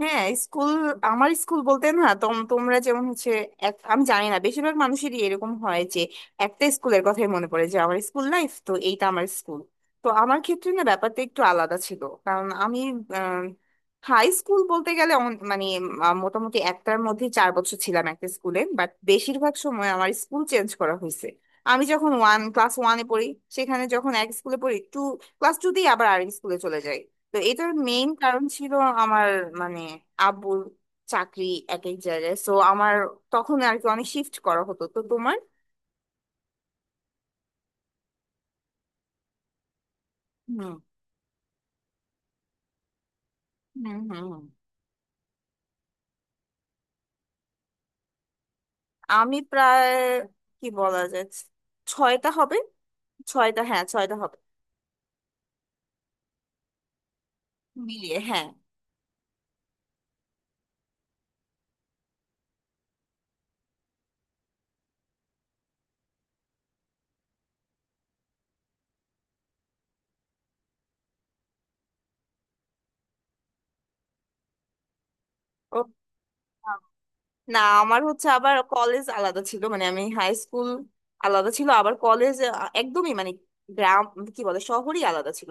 হ্যাঁ, স্কুল। আমার স্কুল বলতে না তোমরা যেমন হচ্ছে আমি জানি না বেশিরভাগ মানুষেরই এরকম হয় যে একটা স্কুলের কথাই মনে পড়ে যে আমার স্কুল লাইফ তো এইটা আমার স্কুল। তো আমার ক্ষেত্রে না ব্যাপারটা একটু আলাদা ছিল কারণ আমি হাই স্কুল বলতে গেলে মানে মোটামুটি একটার মধ্যে 4 বছর ছিলাম একটা স্কুলে, বাট বেশিরভাগ সময় আমার স্কুল চেঞ্জ করা হয়েছে। আমি যখন ওয়ান ক্লাস ওয়ানে পড়ি, সেখানে যখন এক স্কুলে পড়ি, টু ক্লাস টু দিয়ে আবার আরেক স্কুলে চলে যাই। তো এটার মেইন কারণ ছিল আমার, মানে আব্বুর চাকরি এক এক জায়গায়, সো আমার তখন আর কি অনেক শিফট করা হতো। তো তোমার হুম হুম হুম হুম। আমি প্রায় কি বলা যায় ছয়টা হবে, ছয়টা, হ্যাঁ ছয়টা হবে। মিলিয়ে হ্যাঁ। ও না, আমার হচ্ছে আবার কলেজ আলাদা ছিল, মানে আমি হাই স্কুল আলাদা ছিল, আবার কলেজ একদমই মানে গ্রাম কি বলে শহরই আলাদা ছিল।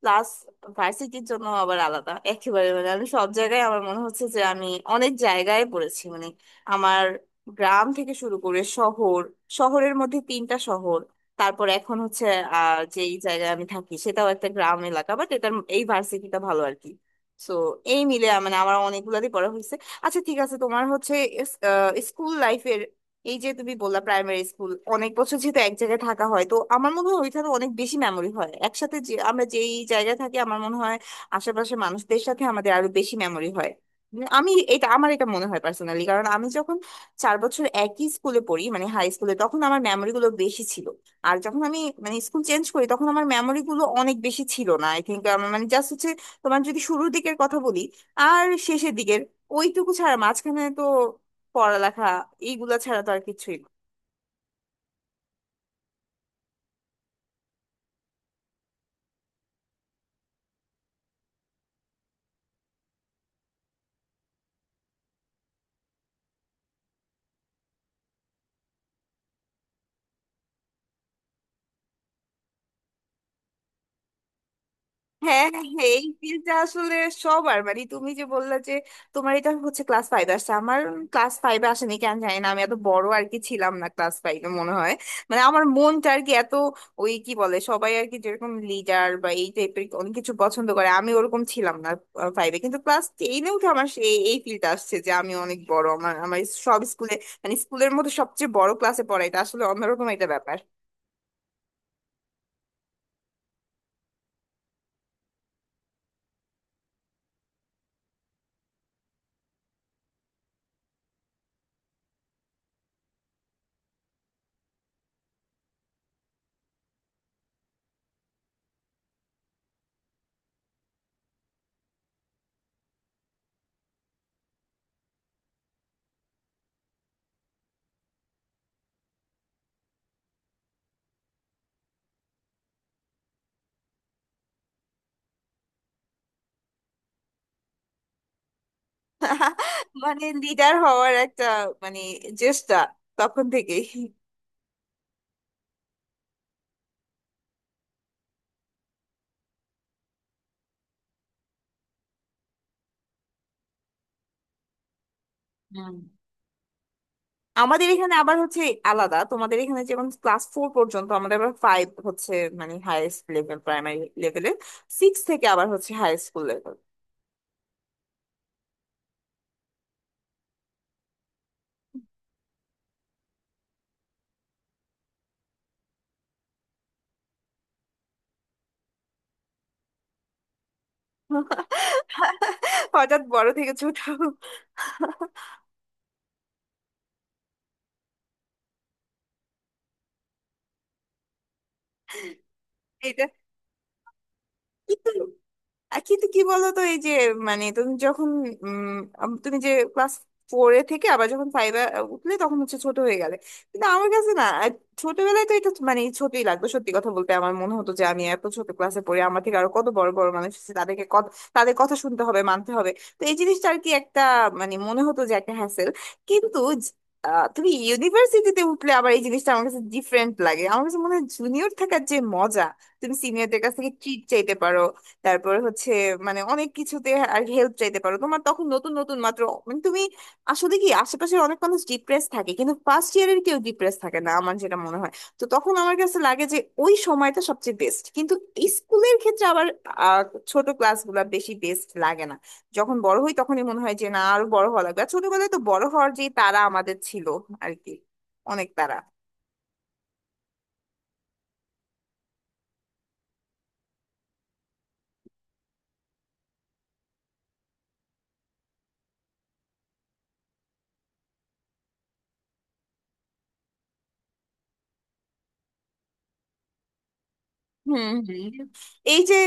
প্লাস ভার্সিটির জন্য আবার আলাদা একেবারে, মানে আমি সব জায়গায় আমার মনে হচ্ছে যে আমি অনেক জায়গায় পড়েছি মানে আমার গ্রাম থেকে শুরু করে শহর, শহরের মধ্যে তিনটা শহর, তারপর এখন হচ্ছে আহ যেই জায়গায় আমি থাকি সেটাও একটা গ্রাম এলাকা, বাট এটার এই ভার্সিটিটা ভালো আর কি। তো এই মিলে মানে আমার অনেকগুলারই পড়া হয়েছে। আচ্ছা ঠিক আছে, তোমার হচ্ছে স্কুল লাইফের এই যে তুমি বললা প্রাইমারি স্কুল অনেক বছর যেহেতু এক জায়গায় থাকা হয় তো আমার মনে হয় ওইখানে অনেক বেশি মেমরি হয় একসাথে, যে আমরা যেই জায়গায় থাকি আমার মনে হয় আশেপাশের মানুষদের সাথে আমাদের আরো বেশি মেমরি হয়। আমি এটা আমার এটা মনে হয় পার্সোনালি, কারণ আমি যখন 4 বছর একই স্কুলে পড়ি মানে হাই স্কুলে তখন আমার মেমরি গুলো বেশি ছিল। আর যখন আমি মানে স্কুল চেঞ্জ করি তখন আমার মেমরি গুলো অনেক বেশি ছিল না, আই থিঙ্ক। মানে জাস্ট হচ্ছে তোমার যদি শুরুর দিকের কথা বলি আর শেষের দিকের ওইটুকু ছাড়া মাঝখানে তো পড়ালেখা এইগুলা ছাড়া তো আর কিছুই না। হ্যাঁ হ্যাঁ হ্যাঁ, এই ফিল্ডটা আসলে সবার, মানে তুমি যে বললে যে তোমার এটা হচ্ছে ক্লাস ফাইভ আসছে, আমার ক্লাস ফাইভে আসেনি কেন জানি না, আমি এত বড় আর কি ছিলাম না ক্লাস ফাইভে মনে হয়। মানে আমার মনটা আর কি এত ওই কি বলে সবাই আর কি যেরকম লিডার বা এই টাইপের অনেক কিছু পছন্দ করে আমি ওরকম ছিলাম না ফাইভে। কিন্তু ক্লাস টেনে উঠে আমার সেই এই ফিল্ডটা আসছে যে আমি অনেক বড়, আমার আমার সব স্কুলে মানে স্কুলের মধ্যে সবচেয়ে বড় ক্লাসে পড়া এটা আসলে অন্যরকম একটা ব্যাপার। মানে লিডার হওয়ার একটা মানে চেষ্টা তখন থেকেই। হুম। আমাদের এখানে আবার হচ্ছে আলাদা, তোমাদের এখানে যেমন ক্লাস ফোর পর্যন্ত আমাদের আবার ফাইভ হচ্ছে মানে হাইয়েস্ট লেভেল প্রাইমারি লেভেলে, সিক্স থেকে আবার হচ্ছে হাই স্কুল লেভেল। হঠাৎ বড় থেকে ছোট। এটা কিন্তু কিন্তু কি বলতো, এই যে মানে তুমি যখন উম তুমি যে ক্লাস ফোরে থেকে আবার যখন ফাইভে উঠলে তখন হচ্ছে ছোট হয়ে গেলে, কিন্তু আমার কাছে না ছোটবেলায় তো এটা মানে ছোটই লাগতো। সত্যি কথা বলতে আমার মনে হতো যে আমি এত ছোট ক্লাসে পড়ি আমার থেকে আরো কত বড় বড় মানুষ আছে তাদেরকে কত তাদের কথা শুনতে হবে মানতে হবে। তো এই জিনিসটা আর কি একটা মানে মনে হতো যে একটা হ্যাসেল। কিন্তু জ- তুমি ইউনিভার্সিটিতে উঠলে আবার এই জিনিসটা আমার কাছে ডিফারেন্ট লাগে, আমার কাছে মনে হয় জুনিয়র থাকার যে মজা, তুমি সিনিয়রদের কাছ থেকে ট্রিট চাইতে পারো, তারপর হচ্ছে মানে অনেক কিছুতে আর হেল্প চাইতে পারো, তোমার তখন নতুন নতুন মাত্র মানে তুমি আসলে কি আশেপাশের অনেক মানুষ ডিপ্রেস থাকে কিন্তু ফার্স্ট ইয়ারের কেউ ডিপ্রেস থাকে না আমার যেটা মনে হয়। তো তখন আমার কাছে লাগে যে ওই সময়টা সবচেয়ে বেস্ট। কিন্তু স্কুলের ক্ষেত্রে আবার আহ, ছোট ক্লাসগুলো বেশি বেস্ট লাগে না, যখন বড় হই তখনই মনে হয় যে না আরো বড় হওয়া লাগবে। আর ছোটবেলায় তো বড় হওয়ার যে তারা আমাদের ছিল আর কি, অনেক তারা। হুম হুম। এই যে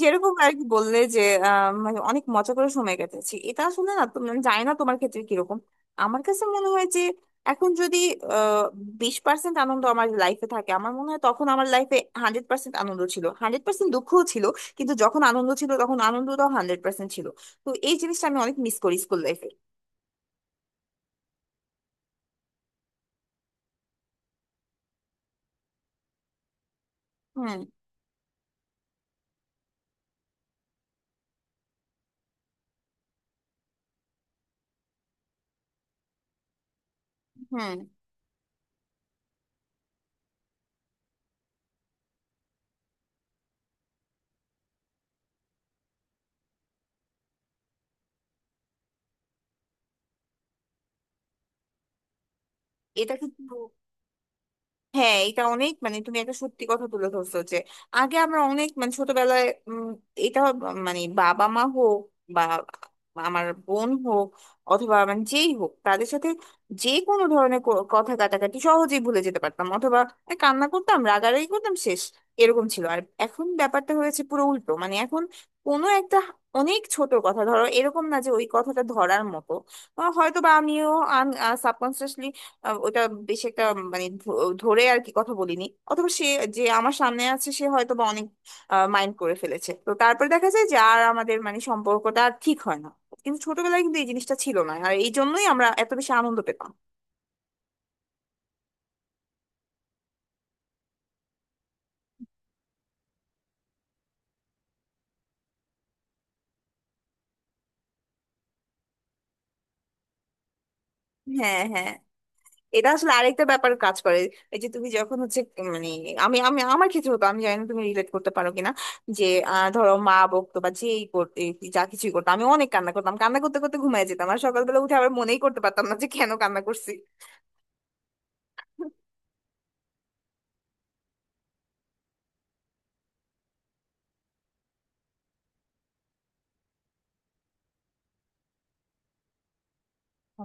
যেরকম আর কি বললে যে মানে অনেক মজা করে সময় কাটাচ্ছি, এটা আসলে না তুমি জানি না তোমার ক্ষেত্রে কিরকম, আমার কাছে মনে হয় যে এখন যদি আহ 20% আনন্দ আমার লাইফে থাকে, আমার মনে হয় তখন আমার লাইফে 100% আনন্দ ছিল, 100% দুঃখও ছিল, কিন্তু যখন আনন্দ ছিল তখন আনন্দটাও 100% ছিল। তো এই জিনিসটা আমি অনেক মিস করি স্কুল লাইফে। হুম হুম। এটা কিন্তু হ্যাঁ, এটা অনেক মানে তুমি একটা সত্যি কথা তুলে ধরছো যে আগে আমরা অনেক মানে ছোটবেলায় এটা মানে বাবা মা হোক বা আমার বোন হোক অথবা মানে যেই হোক তাদের সাথে যে কোনো ধরনের কথা কাটাকাটি সহজেই ভুলে যেতে পারতাম, অথবা এই কান্না করতাম রাগারাগি করতাম শেষ, এরকম ছিল। আর এখন ব্যাপারটা হয়েছে পুরো উল্টো মানে এখন কোনো একটা অনেক ছোট কথা ধরো এরকম না যে ওই কথাটা ধরার মতো হয়তো বা আমিও ওটা বেশ একটা মানে ধরে আর কি কথা বলিনি, অথবা সে যে আমার সামনে আছে সে হয়তো বা অনেক মাইন্ড করে ফেলেছে তো তারপর দেখা যায় যে আর আমাদের মানে সম্পর্কটা আর ঠিক হয় না। কিন্তু ছোটবেলায় কিন্তু এই জিনিসটা ছিল না আর এই জন্যই আমরা এত বেশি আনন্দ পেতাম। হ্যাঁ হ্যাঁ, এটা আসলে আরেকটা ব্যাপার কাজ করে, এই যে তুমি যখন হচ্ছে মানে আমি আমি আমার ক্ষেত্রে হতো আমি জানি না তুমি রিলেট করতে পারো কিনা যে ধরো মা বকতো বা যেই করতে যা কিছুই করতো আমি অনেক কান্না করতাম, কান্না করতে করতে ঘুমায় যেতাম আর সকালবেলা উঠে আবার মনেই করতে পারতাম না যে কেন কান্না করছি। ও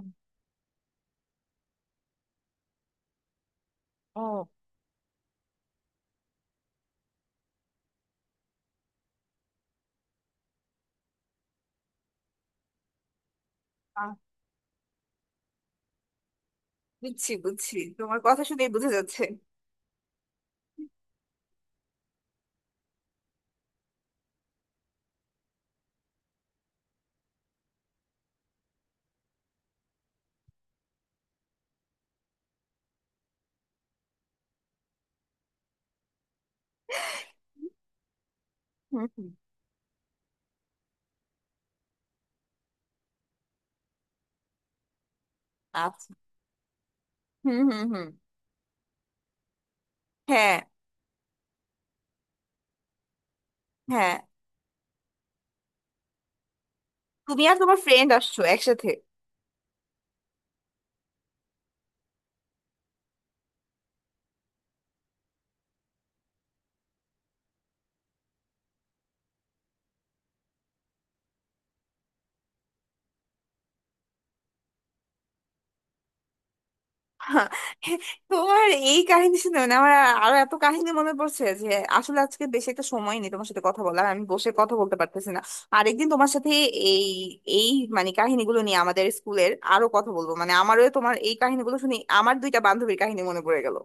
আহ, বুঝছি বুঝছি, তোমার কথা শুনেই বোঝা যাচ্ছে। হুম হুম। আচ্ছা। হুম হুম হুম। হ্যাঁ হ্যাঁ। তুমি আর তোমার ফ্রেন্ড আসছো একসাথে? হা, তোমার এই কাহিনী শুনে মানে আমার আরো এত কাহিনী মনে পড়ছে যে আসলে আজকে বেশি একটা সময় নেই তোমার সাথে কথা বলার, আমি বসে কথা বলতে পারতেছি না। আরেকদিন তোমার সাথে এই এই মানে কাহিনীগুলো নিয়ে আমাদের স্কুলের আরো কথা বলবো, মানে আমারও তোমার এই কাহিনীগুলো শুনে আমার দুইটা বান্ধবীর কাহিনী মনে পড়ে গেল।